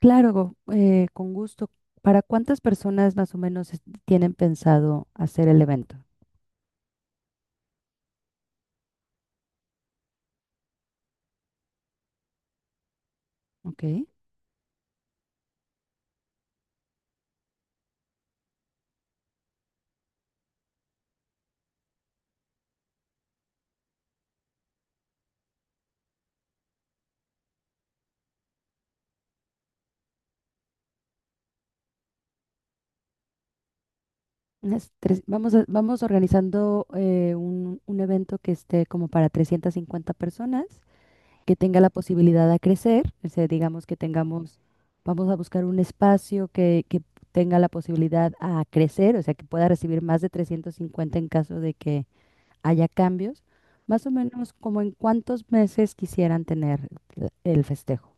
Claro, con gusto. ¿Para cuántas personas más o menos tienen pensado hacer el evento? Ok. Vamos, vamos organizando un evento que esté como para 350 personas, que tenga la posibilidad de crecer. O sea, digamos que tengamos, vamos a buscar un espacio que tenga la posibilidad a crecer, o sea, que pueda recibir más de 350 en caso de que haya cambios. Más o menos como en cuántos meses quisieran tener el festejo.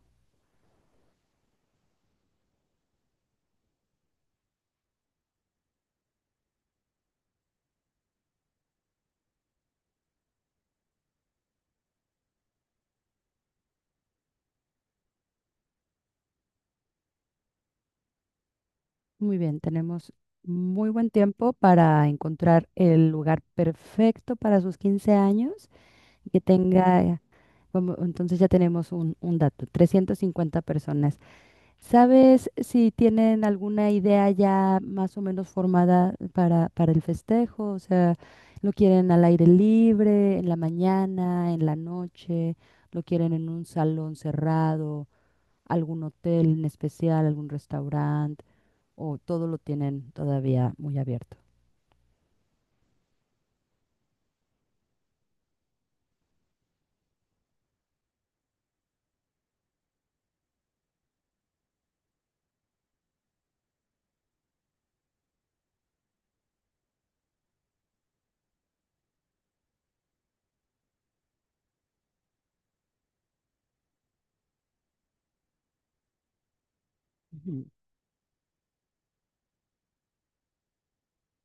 Muy bien, tenemos muy buen tiempo para encontrar el lugar perfecto para sus 15 años y que tenga, vamos, entonces ya tenemos un dato, 350 personas. ¿Sabes si tienen alguna idea ya más o menos formada para el festejo? O sea, ¿lo quieren al aire libre, en la mañana, en la noche? ¿Lo quieren en un salón cerrado? ¿Algún hotel en especial, algún restaurante? ¿O todo lo tienen todavía muy abierto? Ujú,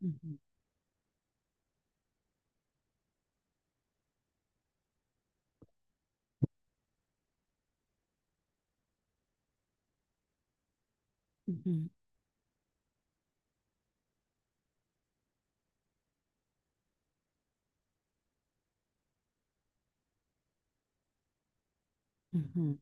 ujú, ujú, ujú.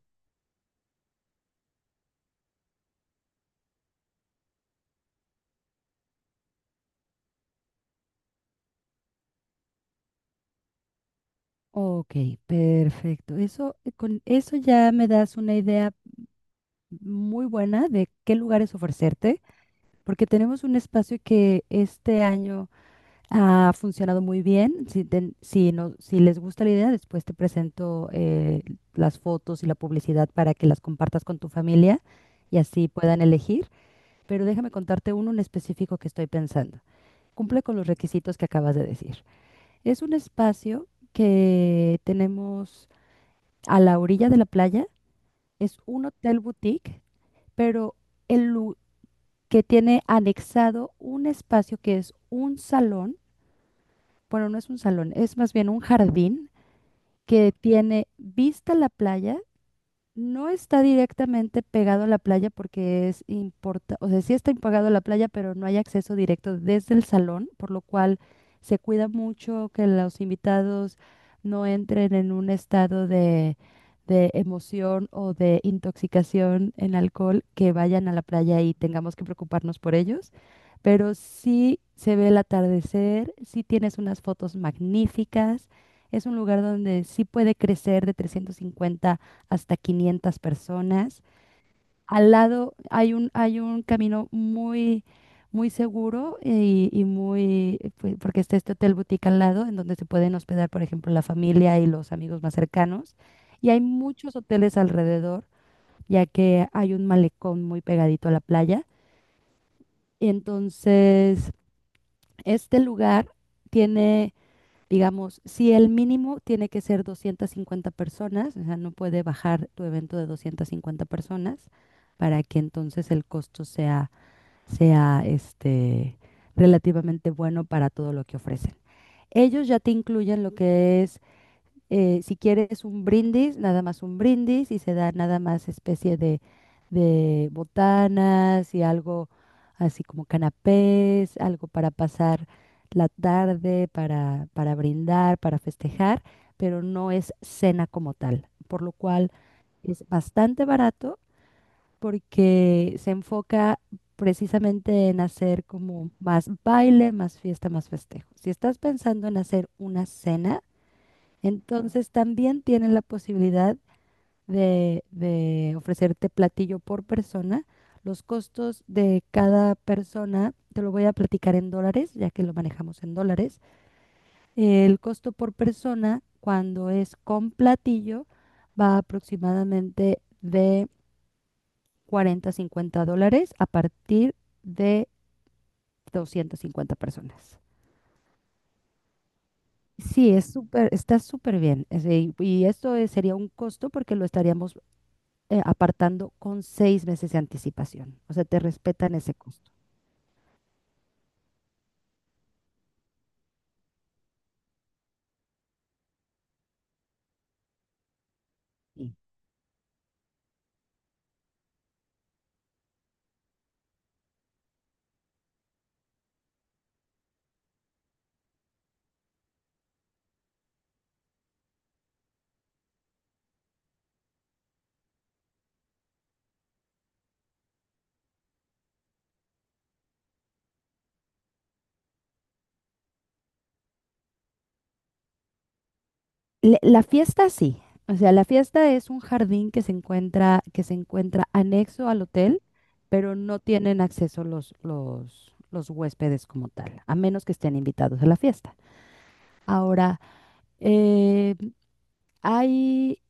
Ok, perfecto. Eso, con eso ya me das una idea muy buena de qué lugares ofrecerte, porque tenemos un espacio que este año ha funcionado muy bien. Si les gusta la idea, después te presento las fotos y la publicidad para que las compartas con tu familia y así puedan elegir. Pero déjame contarte uno en específico que estoy pensando. Cumple con los requisitos que acabas de decir. Es un espacio que tenemos a la orilla de la playa, es un hotel boutique, pero el lu- que tiene anexado un espacio que es un salón, bueno, no es un salón, es más bien un jardín que tiene vista a la playa. No está directamente pegado a la playa porque o sea, sí está pegado a la playa, pero no hay acceso directo desde el salón, por lo cual se cuida mucho que los invitados no entren en un estado de emoción o de intoxicación en alcohol, que vayan a la playa y tengamos que preocuparnos por ellos. Pero sí se ve el atardecer, sí tienes unas fotos magníficas, es un lugar donde sí puede crecer de 350 hasta 500 personas. Al lado hay un camino muy, muy seguro y muy, pues, porque está este hotel boutique al lado, en donde se pueden hospedar, por ejemplo, la familia y los amigos más cercanos. Y hay muchos hoteles alrededor, ya que hay un malecón muy pegadito a la playa. Y entonces, este lugar tiene. Digamos, si el mínimo tiene que ser 250 personas, o sea, no puede bajar tu evento de 250 personas para que entonces el costo sea este, relativamente bueno para todo lo que ofrecen. Ellos ya te incluyen lo que es si quieres un brindis, nada más un brindis y se da nada más especie de botanas y algo así como canapés, algo para pasar la tarde, para brindar, para festejar, pero no es cena como tal, por lo cual es bastante barato porque se enfoca precisamente en hacer como más baile, más fiesta, más festejo. Si estás pensando en hacer una cena, entonces también tienen la posibilidad de ofrecerte platillo por persona. Los costos de cada persona, te lo voy a platicar en dólares, ya que lo manejamos en dólares. El costo por persona, cuando es con platillo, va aproximadamente de 40 a $50 a partir de 250 personas. Sí, es súper, está súper bien. Es de- y esto es- Sería un costo porque lo estaríamos apartando con seis meses de anticipación. O sea, te respetan ese costo. Sí. La fiesta sí. O sea, la fiesta es un jardín que se encuentra anexo al hotel, pero no tienen acceso los huéspedes como tal, a menos que estén invitados a la fiesta. Ahora, eh, hay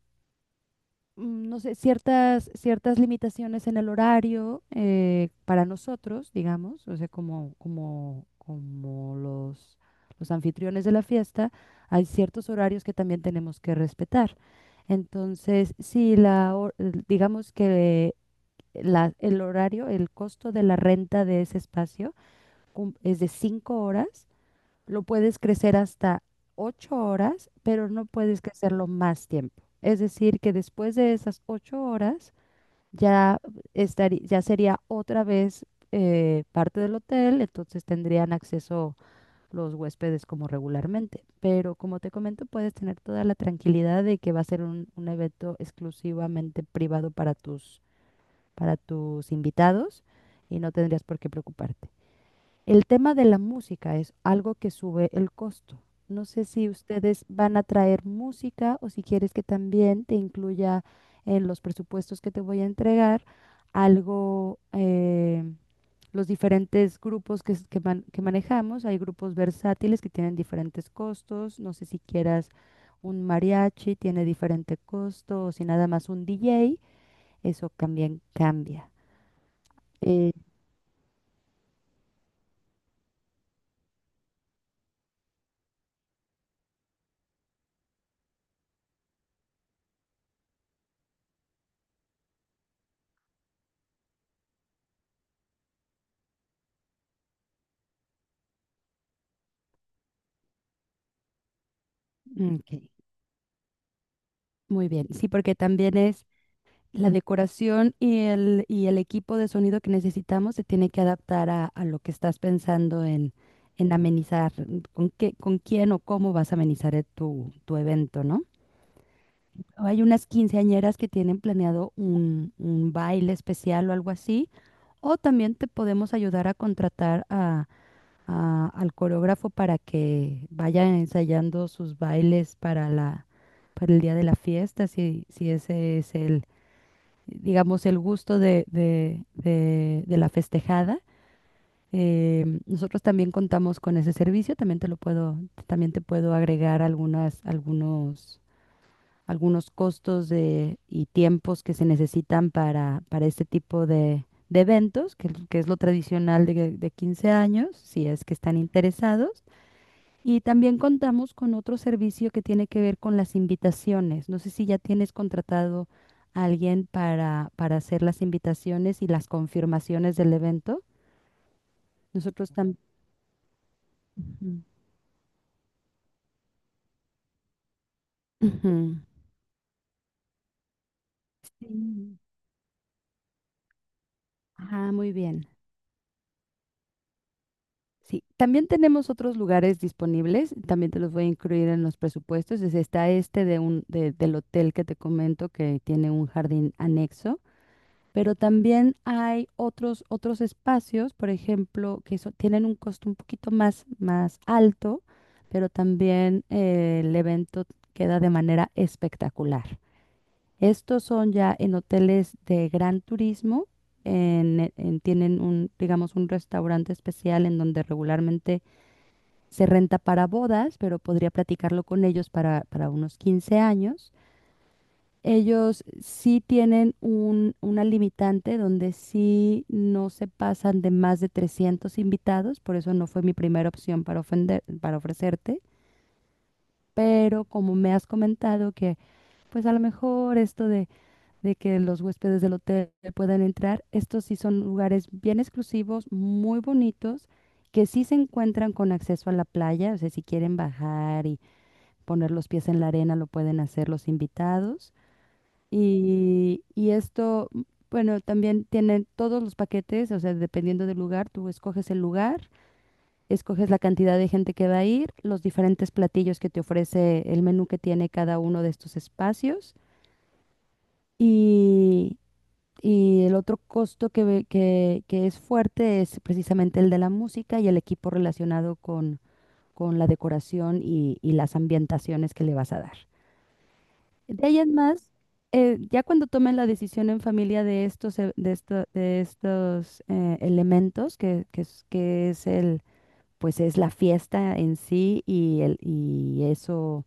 mm, no sé, ciertas limitaciones en el horario para nosotros, digamos, o sea, como los anfitriones de la fiesta, hay ciertos horarios que también tenemos que respetar. Entonces, si la, hor- el- digamos que el horario, el costo de la renta de ese espacio es de cinco horas, lo puedes crecer hasta 8 horas, pero no puedes crecerlo más tiempo. Es decir, que después de esas 8 horas ya estaría, ya sería otra vez parte del hotel, entonces tendrían acceso los huéspedes como regularmente. Pero como te comento, puedes tener toda la tranquilidad de que va a ser un evento exclusivamente privado para tus invitados y no tendrías por qué preocuparte. El tema de la música es algo que sube el costo. No sé si ustedes van a traer música o si quieres que también te incluya en los presupuestos que te voy a entregar algo, los diferentes grupos que manejamos. Hay grupos versátiles que tienen diferentes costos. No sé si quieras un mariachi, tiene diferente costo, o si nada más un DJ, eso también cambia. Eh, ok, Muy bien, sí, porque también es. La decoración y el equipo de sonido que necesitamos se tiene que adaptar a lo que estás pensando en amenizar, con qué, con quién o cómo vas a amenizar tu evento, ¿no? Hay unas quinceañeras que tienen planeado un baile especial o algo así, o también te podemos ayudar a contratar al coreógrafo para que vaya ensayando sus bailes para la, para el día de la fiesta, si ese es el, digamos, el gusto de la festejada. Nosotros también contamos con ese servicio, también te lo puedo, también te puedo agregar algunos costos de, y tiempos que se necesitan para este tipo de eventos, que es lo tradicional de 15 años, si es que están interesados. Y también contamos con otro servicio que tiene que ver con las invitaciones. No sé si ya tienes contratado a alguien para hacer las invitaciones y las confirmaciones del evento. Nosotros también... Ujú. Sí. Ah, muy bien. Sí, también tenemos otros lugares disponibles, también te los voy a incluir en los presupuestos. Está este de un, del hotel que te comento que tiene un jardín anexo. Pero también hay otros, otros espacios, por ejemplo, tienen un costo un poquito más, más alto, pero también el evento queda de manera espectacular. Estos son ya en hoteles de gran turismo, tienen un, digamos, un restaurante especial en donde regularmente se renta para bodas, pero podría platicarlo con ellos para unos 15 años. Ellos sí tienen un, una limitante donde sí no se pasan de más de 300 invitados, por eso no fue mi primera opción para ofender, para ofrecerte, pero como me has comentado que pues a lo mejor esto de que los huéspedes del hotel puedan entrar, estos sí son lugares bien exclusivos, muy bonitos, que sí se encuentran con acceso a la playa, o sea, si quieren bajar y poner los pies en la arena lo pueden hacer los invitados y esto, bueno, también tienen todos los paquetes, o sea, dependiendo del lugar, tú escoges el lugar, escoges la cantidad de gente que va a ir, los diferentes platillos que te ofrece el menú que tiene cada uno de estos espacios. Y, y el otro costo que es fuerte es precisamente el de la música y el equipo relacionado con la decoración y las ambientaciones que le vas a dar. De ahí en más, ya cuando tomen la decisión en familia de estos, de estos elementos, que es el, pues es la fiesta en sí y eso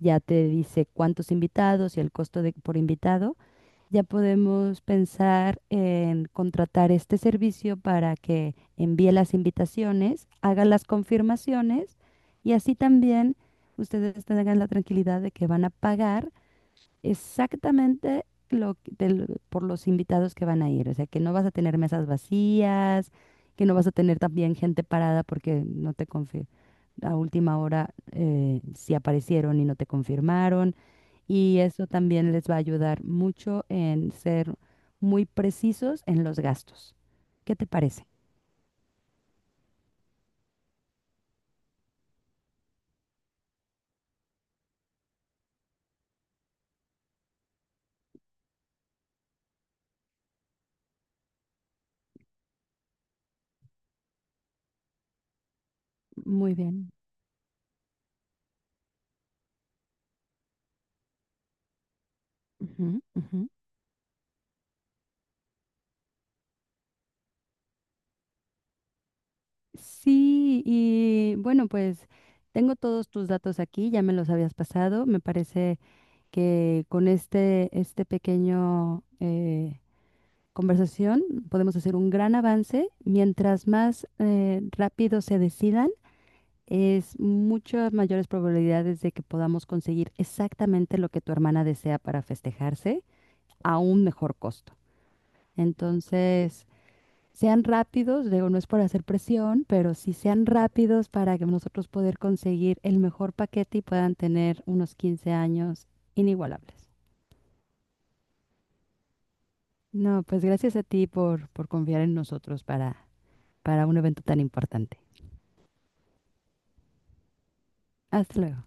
ya te dice cuántos invitados y el costo de, por invitado, ya podemos pensar en contratar este servicio para que envíe las invitaciones, haga las confirmaciones y así también ustedes tengan la tranquilidad de que van a pagar exactamente por los invitados que van a ir. O sea, que no vas a tener mesas vacías, que no vas a tener también gente parada porque no te confirmaron. A última hora si aparecieron y no te confirmaron. Y eso también les va a ayudar mucho en ser muy precisos en los gastos. ¿Qué te parece? Muy bien. Ujú, ujú. Sí, y bueno, pues tengo todos tus datos aquí, ya me los habías pasado. Me parece que con este, este pequeño conversación podemos hacer un gran avance. Mientras más rápido se decidan, es muchas mayores probabilidades de que podamos conseguir exactamente lo que tu hermana desea para festejarse a un mejor costo. Entonces, sean rápidos, digo, no es por hacer presión, pero sí sean rápidos para que nosotros poder conseguir el mejor paquete y puedan tener unos 15 años inigualables. No, pues gracias a ti por confiar en nosotros para un evento tan importante. Hasta luego.